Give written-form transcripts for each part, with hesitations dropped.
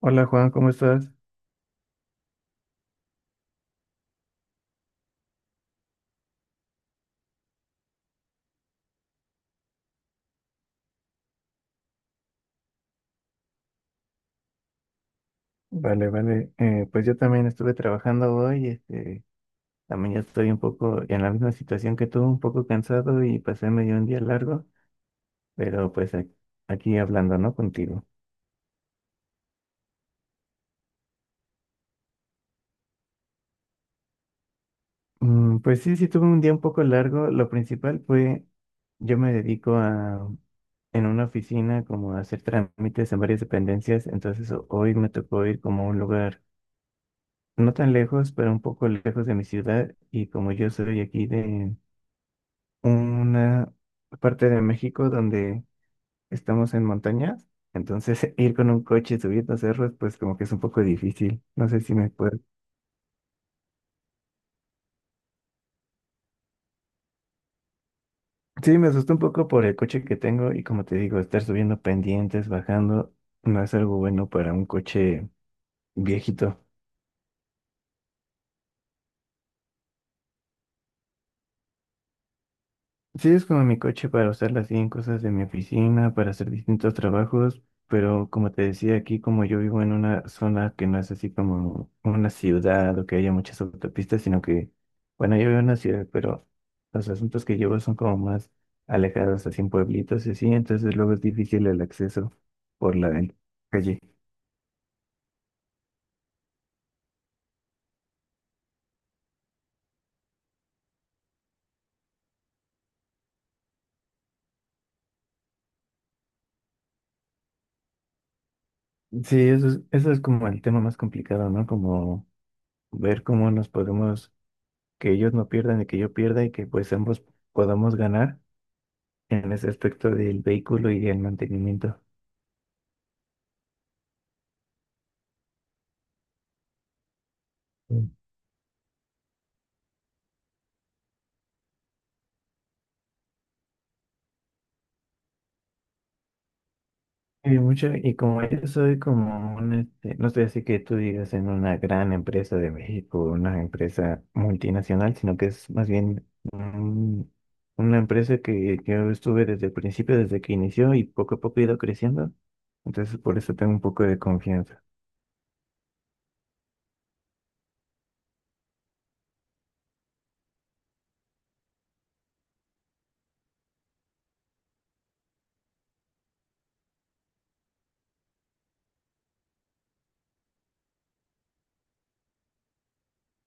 Hola Juan, ¿cómo estás? Vale, vale. Pues yo también estuve trabajando hoy, también ya estoy un poco en la misma situación que tú, un poco cansado y pasé medio un día largo, pero pues aquí hablando, ¿no? Contigo. Pues sí, sí tuve un día un poco largo. Lo principal fue, yo me dedico a, en una oficina como a hacer trámites en varias dependencias, entonces hoy me tocó ir como a un lugar no tan lejos, pero un poco lejos de mi ciudad y como yo soy aquí de una parte de México donde estamos en montañas, entonces ir con un coche subiendo cerros, pues como que es un poco difícil. No sé si me puedo. Sí, me asustó un poco por el coche que tengo y como te digo, estar subiendo pendientes, bajando, no es algo bueno para un coche viejito. Sí, es como mi coche para usarla así en cosas de mi oficina, para hacer distintos trabajos, pero como te decía aquí, como yo vivo en una zona que no es así como una ciudad o que haya muchas autopistas, sino que, bueno, yo vivo en una ciudad, pero los asuntos que llevo son como más alejados, así en pueblitos y así, entonces luego es difícil el acceso por la calle. Sí, eso es como el tema más complicado, ¿no? Como ver cómo nos podemos, que ellos no pierdan y que yo pierda y que pues ambos podamos ganar en ese aspecto del vehículo y del mantenimiento. Mm. Y mucho, y como yo soy como no estoy así que tú digas en una gran empresa de México, una empresa multinacional, sino que es más bien un- una empresa que yo estuve desde el principio, desde que inició y poco a poco he ido creciendo. Entonces, por eso tengo un poco de confianza.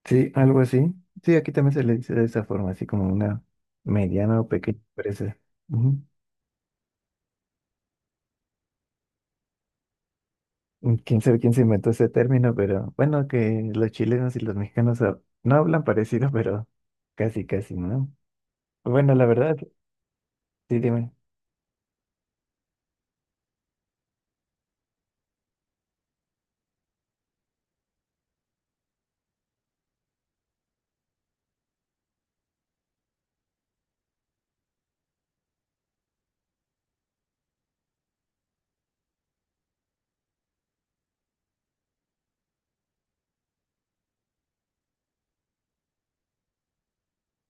Sí, algo así. Sí, aquí también se le dice de esa forma, así como una mediana o pequeña empresa. Ujú. Quién sabe quién se inventó ese término, pero bueno, que los chilenos y los mexicanos no hablan parecido, pero casi, casi, ¿no? Bueno, la verdad, sí, dime.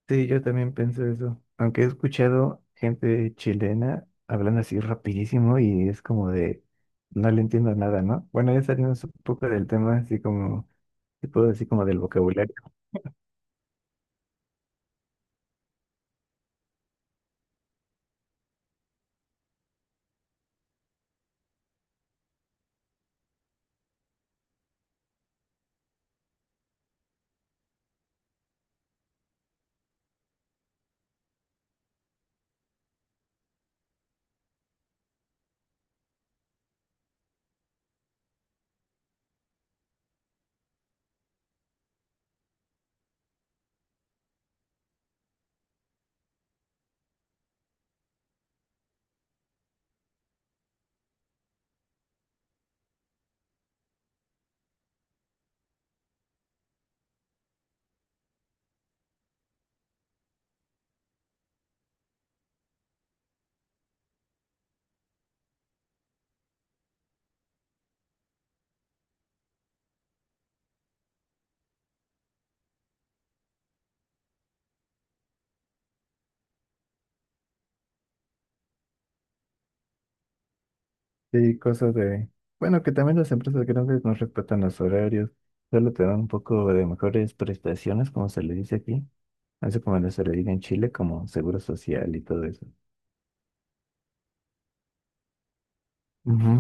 Sí, yo también pienso eso. Aunque he escuchado gente chilena hablando así rapidísimo y es como de, no le entiendo nada, ¿no? Bueno, ya salimos un poco del tema, así como, te puedo decir como del vocabulario. Sí, cosas de, bueno, que también las empresas grandes no respetan los horarios, solo te dan un poco de mejores prestaciones, como se le dice aquí. Eso como no se le dice en Chile, como seguro social y todo eso. Ujú.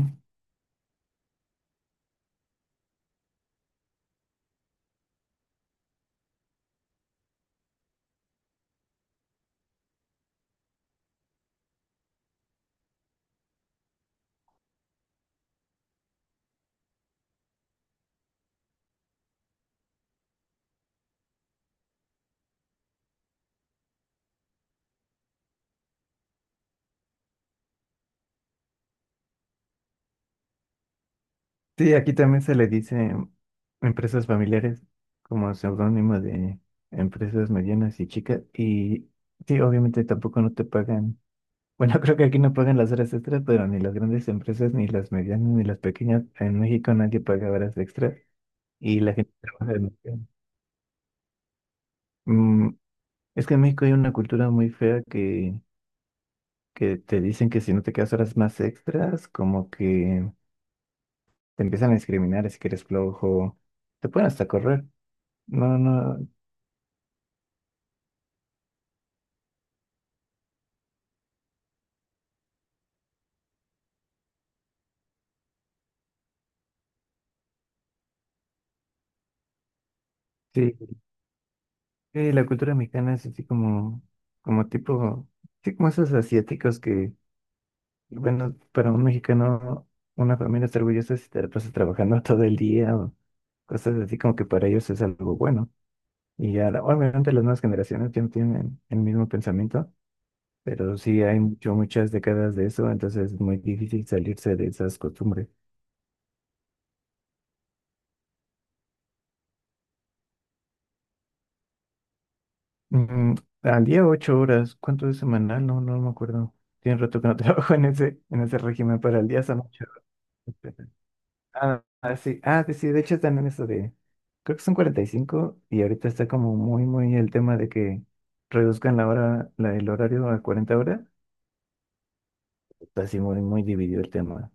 Sí, aquí también se le dice empresas familiares como seudónimo de empresas medianas y chicas. Y sí, obviamente tampoco no te pagan. Bueno, creo que aquí no pagan las horas extras, pero ni las grandes empresas, ni las medianas, ni las pequeñas. En México nadie paga horas extras y la gente trabaja demasiado. Mm, es que en México hay una cultura muy fea que te dicen que si no te quedas horas más extras, como que te empiezan a discriminar si que eres flojo. Te pueden hasta correr. No, no, sí. Sí, la cultura mexicana es así como, como tipo, sí, como esos asiáticos que, bueno, para un mexicano, una familia está orgullosa si te la pasas trabajando todo el día o cosas así como que para ellos es algo bueno. Y ya, obviamente las nuevas generaciones ya no tienen el mismo pensamiento, pero sí hay mucho, muchas décadas de eso, entonces es muy difícil salirse de esas costumbres. Mm, Al día 8 horas, ¿cuánto es semanal? No, no me acuerdo. Tiene rato que no trabajo en ese régimen, pero al día son 8 horas. Ah, ah, sí, ah, sí, sí, de hecho están en eso de, creo que son 45 y ahorita está como muy, muy el tema de que reduzcan la hora, la, el horario a 40 horas. Está así muy, muy dividido el tema.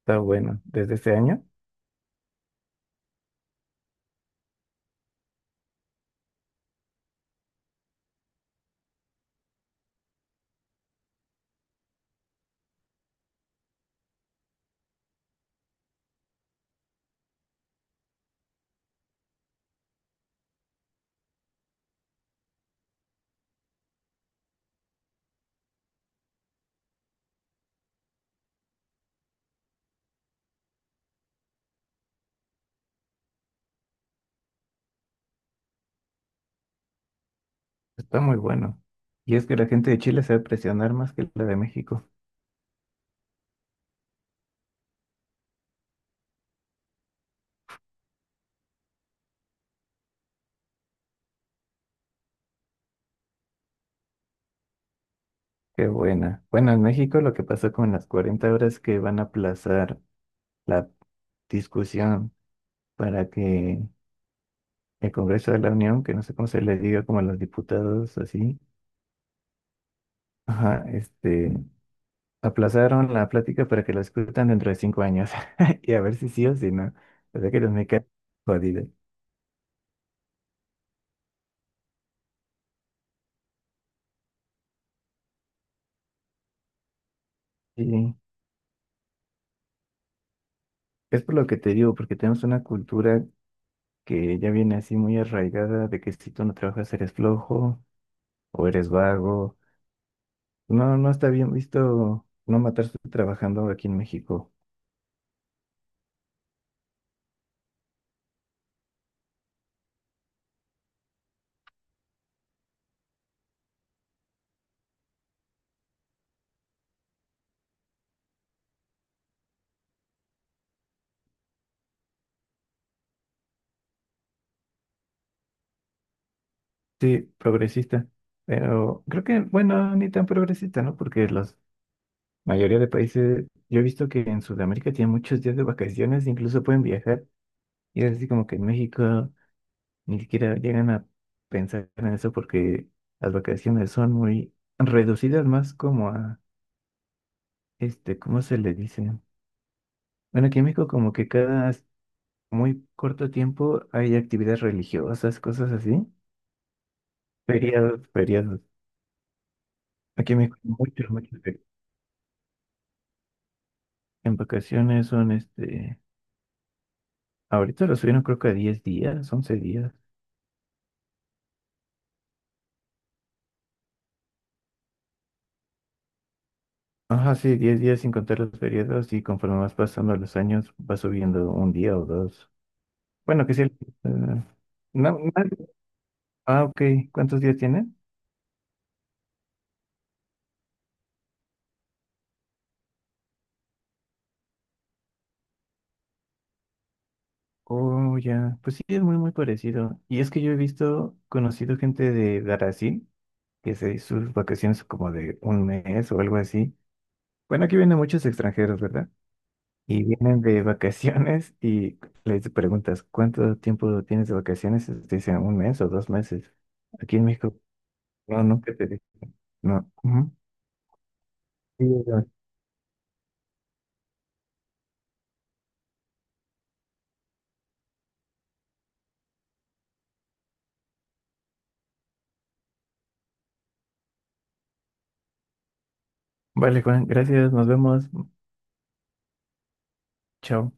Está bueno, desde este año está muy bueno. Y es que la gente de Chile sabe presionar más que la de México. Qué buena. Bueno, en México lo que pasó con las 40 horas que van a aplazar la discusión para que el Congreso de la Unión, que no sé cómo se le diga como a los diputados así, ajá, aplazaron la plática para que la escutan dentro de 5 años y a ver si sí o si no. O sea que los me caen jodidos. Y es por lo que te digo, porque tenemos una cultura que ya viene así muy arraigada de que si tú no trabajas eres flojo o eres vago. No, no está bien visto no matarse trabajando aquí en México. Sí, progresista. Pero creo que, bueno, ni tan progresista, ¿no? Porque la mayoría de países, yo he visto que en Sudamérica tienen muchos días de vacaciones, incluso pueden viajar. Y es así como que en México ni siquiera llegan a pensar en eso porque las vacaciones son muy reducidas más como a, ¿cómo se le dice? Bueno, aquí en México como que cada muy corto tiempo hay actividades religiosas, cosas así. Feriados, feriados. Aquí en México muchos, muchos. En vacaciones son este. Ahorita lo subieron creo que a 10 días, 11 días. Ajá, sí, 10 días sin contar los periodos y conforme vas pasando los años va subiendo un día o dos. Bueno, que sí. No, no- ah, ok. ¿Cuántos días tiene? Oh, ya. Pues sí, es muy, muy parecido. Y es que yo he visto, conocido gente de Brasil que se hizo sus vacaciones como de un mes o algo así. Bueno, aquí vienen muchos extranjeros, ¿verdad? Y vienen de vacaciones y les preguntas, ¿cuánto tiempo tienes de vacaciones? Y te dicen un mes o 2 meses. Aquí en México, no, nunca te dicen. No. Ujú. Sí, ya. Vale, Juan, gracias, nos vemos. Chao.